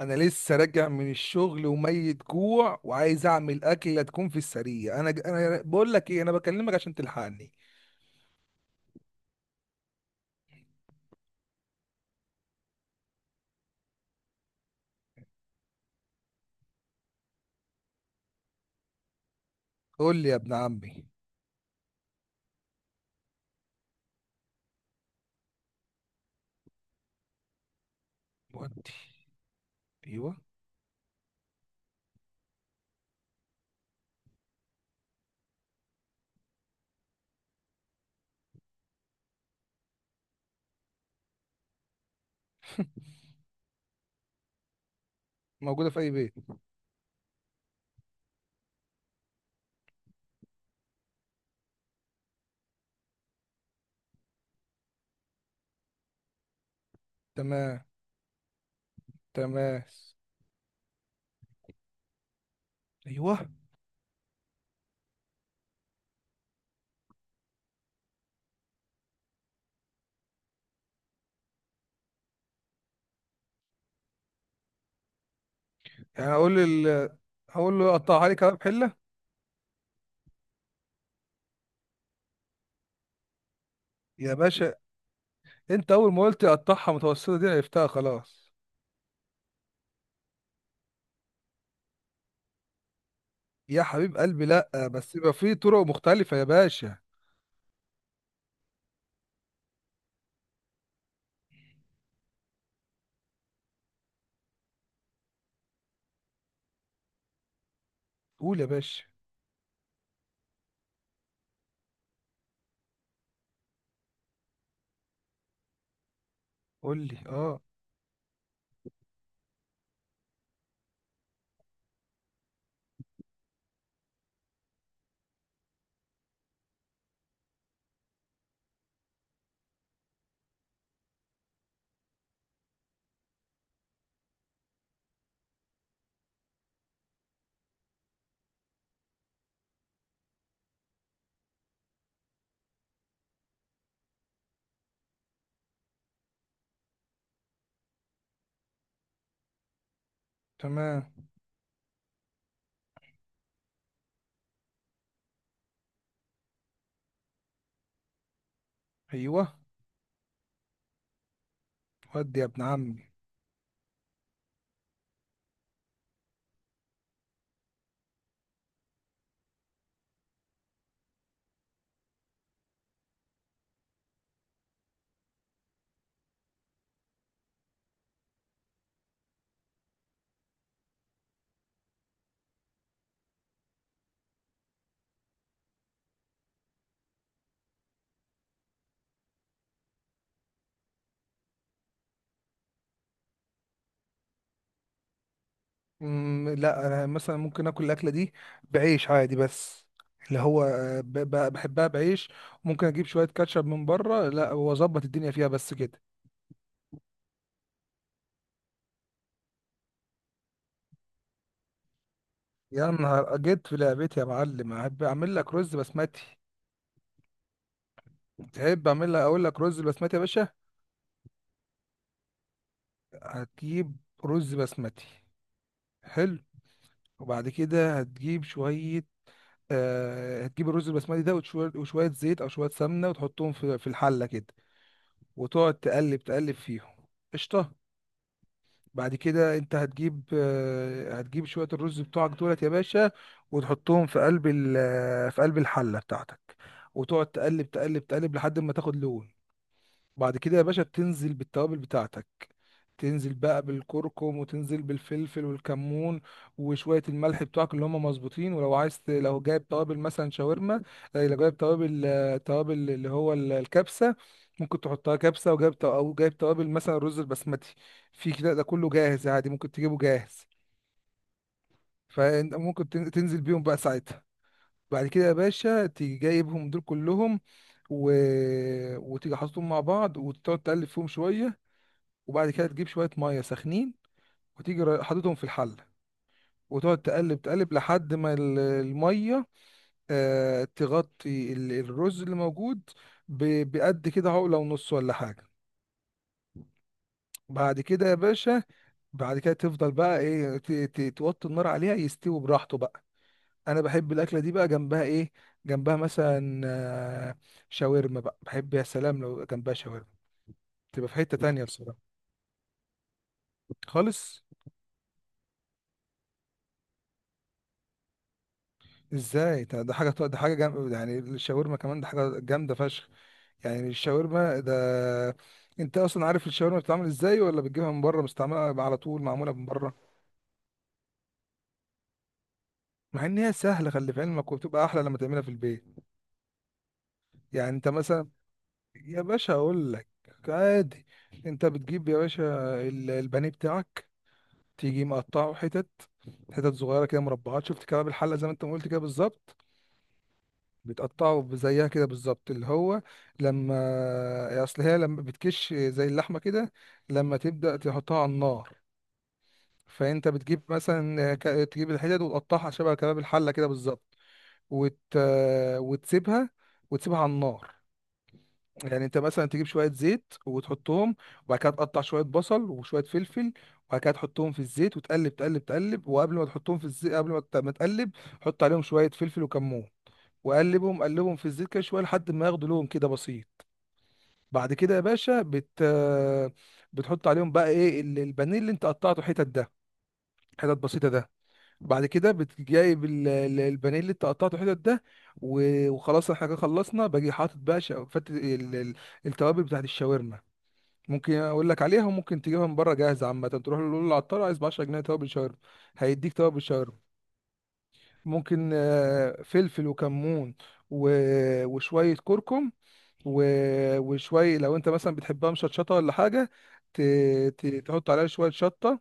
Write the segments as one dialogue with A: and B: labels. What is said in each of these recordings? A: انا لسه راجع من الشغل وميت جوع وعايز اعمل اكله تكون في السريع. انا بقول لك ايه، انا بكلمك عشان تلحقني. قول لي يا ابن عمي. ودي. ايوه، موجوده في اي بيت. تمام. تمام. ايوه. يعني اقول لل، هقول له قطعها لي كباب حله. يا باشا، انت اول ما قلت قطعها متوسطه دي عرفتها خلاص. يا حبيب قلبي، لا بس يبقى في طرق مختلفه يا باشا. قول يا باشا. قول لي اه. تمام. ايوه. ودي يا ابن عمي. لا انا مثلا ممكن اكل الاكله دي بعيش عادي، بس اللي هو بحبها بعيش. ممكن اجيب شويه كاتشب من بره لا واظبط الدنيا فيها بس كده. يا نهار جيت في لعبتي يا معلم، احب اعمل لك رز بسمتي. تحب اعمل لك اقول لك رز بسمتي يا باشا؟ هتجيب رز بسمتي. حلو. وبعد كده هتجيب شويه، هتجيب الرز البسمتي ده وشويه وشوية زيت او شويه سمنه وتحطهم في الحله كده، وتقعد تقلب فيهم. قشطه. بعد كده انت هتجيب هتجيب شوية الرز بتوعك دولت يا باشا، وتحطهم في قلب في قلب الحلة بتاعتك، وتقعد تقلب تقلب لحد ما تاخد لون. بعد كده يا باشا تنزل بالتوابل بتاعتك، تنزل بقى بالكركم وتنزل بالفلفل والكمون وشوية الملح بتوعك اللي هم مظبوطين. ولو عايز لو جايب توابل مثلا شاورما، لو جايب توابل، توابل اللي هو الكبسة، ممكن تحطها كبسة. وجايب أو جايب توابل مثلا رز البسمتي، في كده ده كله جاهز عادي، ممكن تجيبه جاهز. فأنت ممكن تنزل بيهم بقى ساعتها. بعد كده يا باشا تيجي جايبهم دول كلهم و... وتيجي حاططهم مع بعض وتقعد تقلب فيهم شوية، وبعد كده تجيب شوية مية سخنين وتيجي حاططهم في الحلة، وتقعد تقلب لحد ما المية تغطي الرز اللي موجود بقد كده عقلة ونص ولا حاجة. بعد كده يا باشا، بعد كده تفضل بقى ايه توطي النار عليها يستوي براحته بقى. انا بحب الاكلة دي بقى جنبها ايه؟ جنبها مثلا آه، شاورما بقى، بحب يا سلام لو جنبها شاورما، تبقى في حتة تانية بصراحة. خالص. ازاي ده، ده حاجة ده حاجة جامدة، يعني الشاورما كمان ده حاجة جامدة فشخ. يعني الشاورما ده، انت اصلا عارف الشاورما بتتعمل ازاي ولا بتجيبها من بره مستعمله على طول، معموله من بره؟ مع ان هي سهله، خلي في علمك، وبتبقى احلى لما تعملها في البيت. يعني انت مثلا، يا باشا اقول لك. عادي، انت بتجيب يا باشا البانيه بتاعك، تيجي مقطعه حتت، حتت صغيره كده مربعات، شفت كباب الحله زي ما انت ما قلت كده بالظبط؟ بتقطعه زيها كده بالظبط اللي هو، لما اصل هي لما بتكش زي اللحمه كده لما تبدا تحطها على النار. فانت بتجيب مثلا تجيب الحتت وتقطعها شبه كباب الحله كده بالظبط. وت... وتسيبها، وتسيبها على النار. يعني انت مثلا تجيب شويه زيت وتحطهم، وبعد كده تقطع شويه بصل وشويه فلفل، وبعد كده تحطهم في الزيت وتقلب تقلب. وقبل ما تحطهم في الزيت، قبل ما تقلب، حط عليهم شويه فلفل وكمون، وقلبهم قلبهم في الزيت كده شويه لحد ما ياخدوا لون كده بسيط. بعد كده يا باشا بتحط عليهم بقى ايه البانيه اللي انت قطعته حتت ده، حتت بسيطه ده. بعد كده جايب البانيه اللي انت قطعته حتت ده، وخلاص احنا كده خلصنا. باجي حاطط بقى التوابل بتاعت الشاورما. ممكن اقول لك عليها، وممكن تجيبها من بره جاهزه، عامه تروح له تقول له العطار عايز ب 10 جنيه توابل شاورما، هيديك توابل شاورما. ممكن فلفل وكمون و... وشويه كركم و... وشويه، لو انت مثلا بتحبها مشطشطه ولا حاجه، ت... ت... تحط عليها شويه شطه.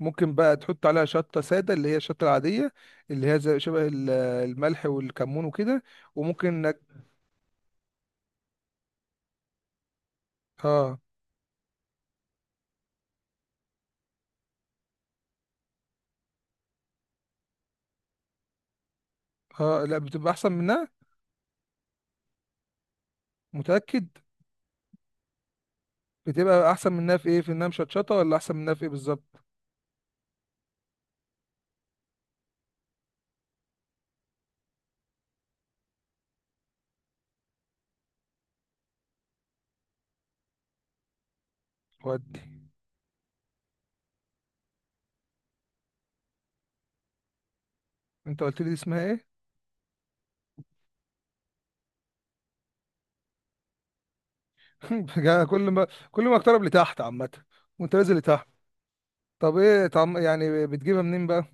A: ممكن بقى تحط عليها شطة سادة اللي هي الشطة العادية، اللي هي زي شبه الملح والكمون وكده. وممكن انك، اه. اه، لا بتبقى احسن منها. متأكد. بتبقى احسن منها في ايه، في انها مشطشطة، ولا احسن منها في ايه بالظبط؟ ودي. انت قلت لي دي اسمها ايه؟ بجد، كل ما اقترب لتحت عامة، وانت نازل لتحت. طب ايه طعم، يعني بتجيبها منين بقى؟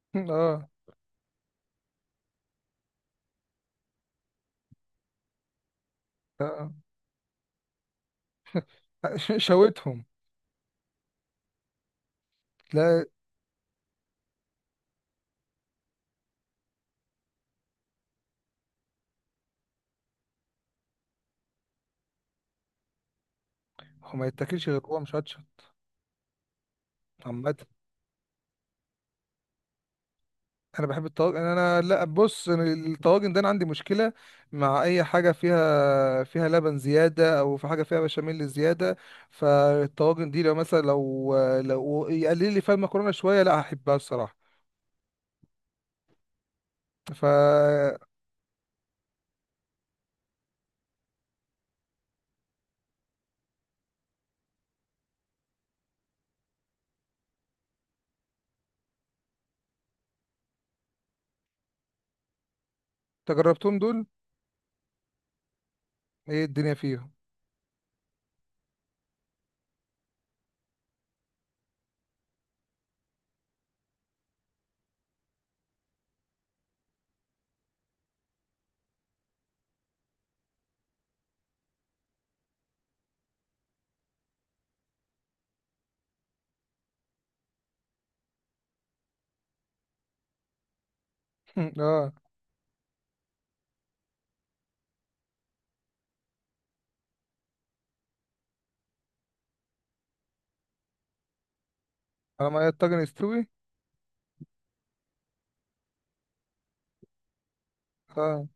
A: اه. آه. شويتهم. لا هو ما يتاكلش غير هو مشطشط. عامة انا بحب الطواجن، لا بص، أنا الطواجن ده انا عندي مشكله مع اي حاجه فيها، فيها لبن زياده او في حاجه فيها بشاميل زياده. فالطواجن دي لو مثلا لو يقلل لي فيها المكرونه شويه، لا هحبها الصراحه. ف، تجربتهم دول؟ ايه الدنيا فيهم؟ اه. على ما الطاجن يستوي. اه.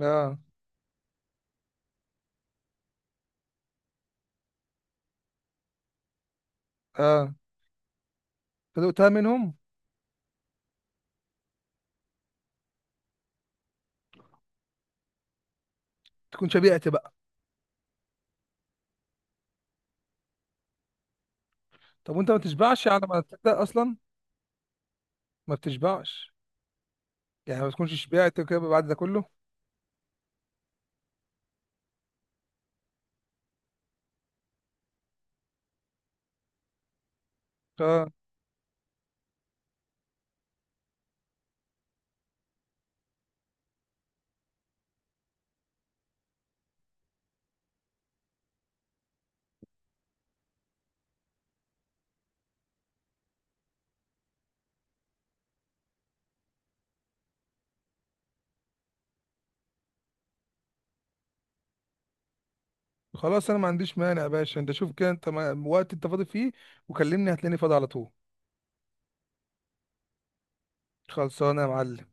A: اه. اه. فدقتها منهم. تكون شبعت بقى. طب وانت ما تشبعش على ما تبدا اصلا؟ ما بتشبعش، يعني ما تكونش شبعت كده بعد ده كله؟ آه. خلاص انا ما عنديش مانع يا باشا، انت شوف كده انت وقت انت فاضي فيه وكلمني، هتلاقيني فاضي على طول. خلصانه يا معلم.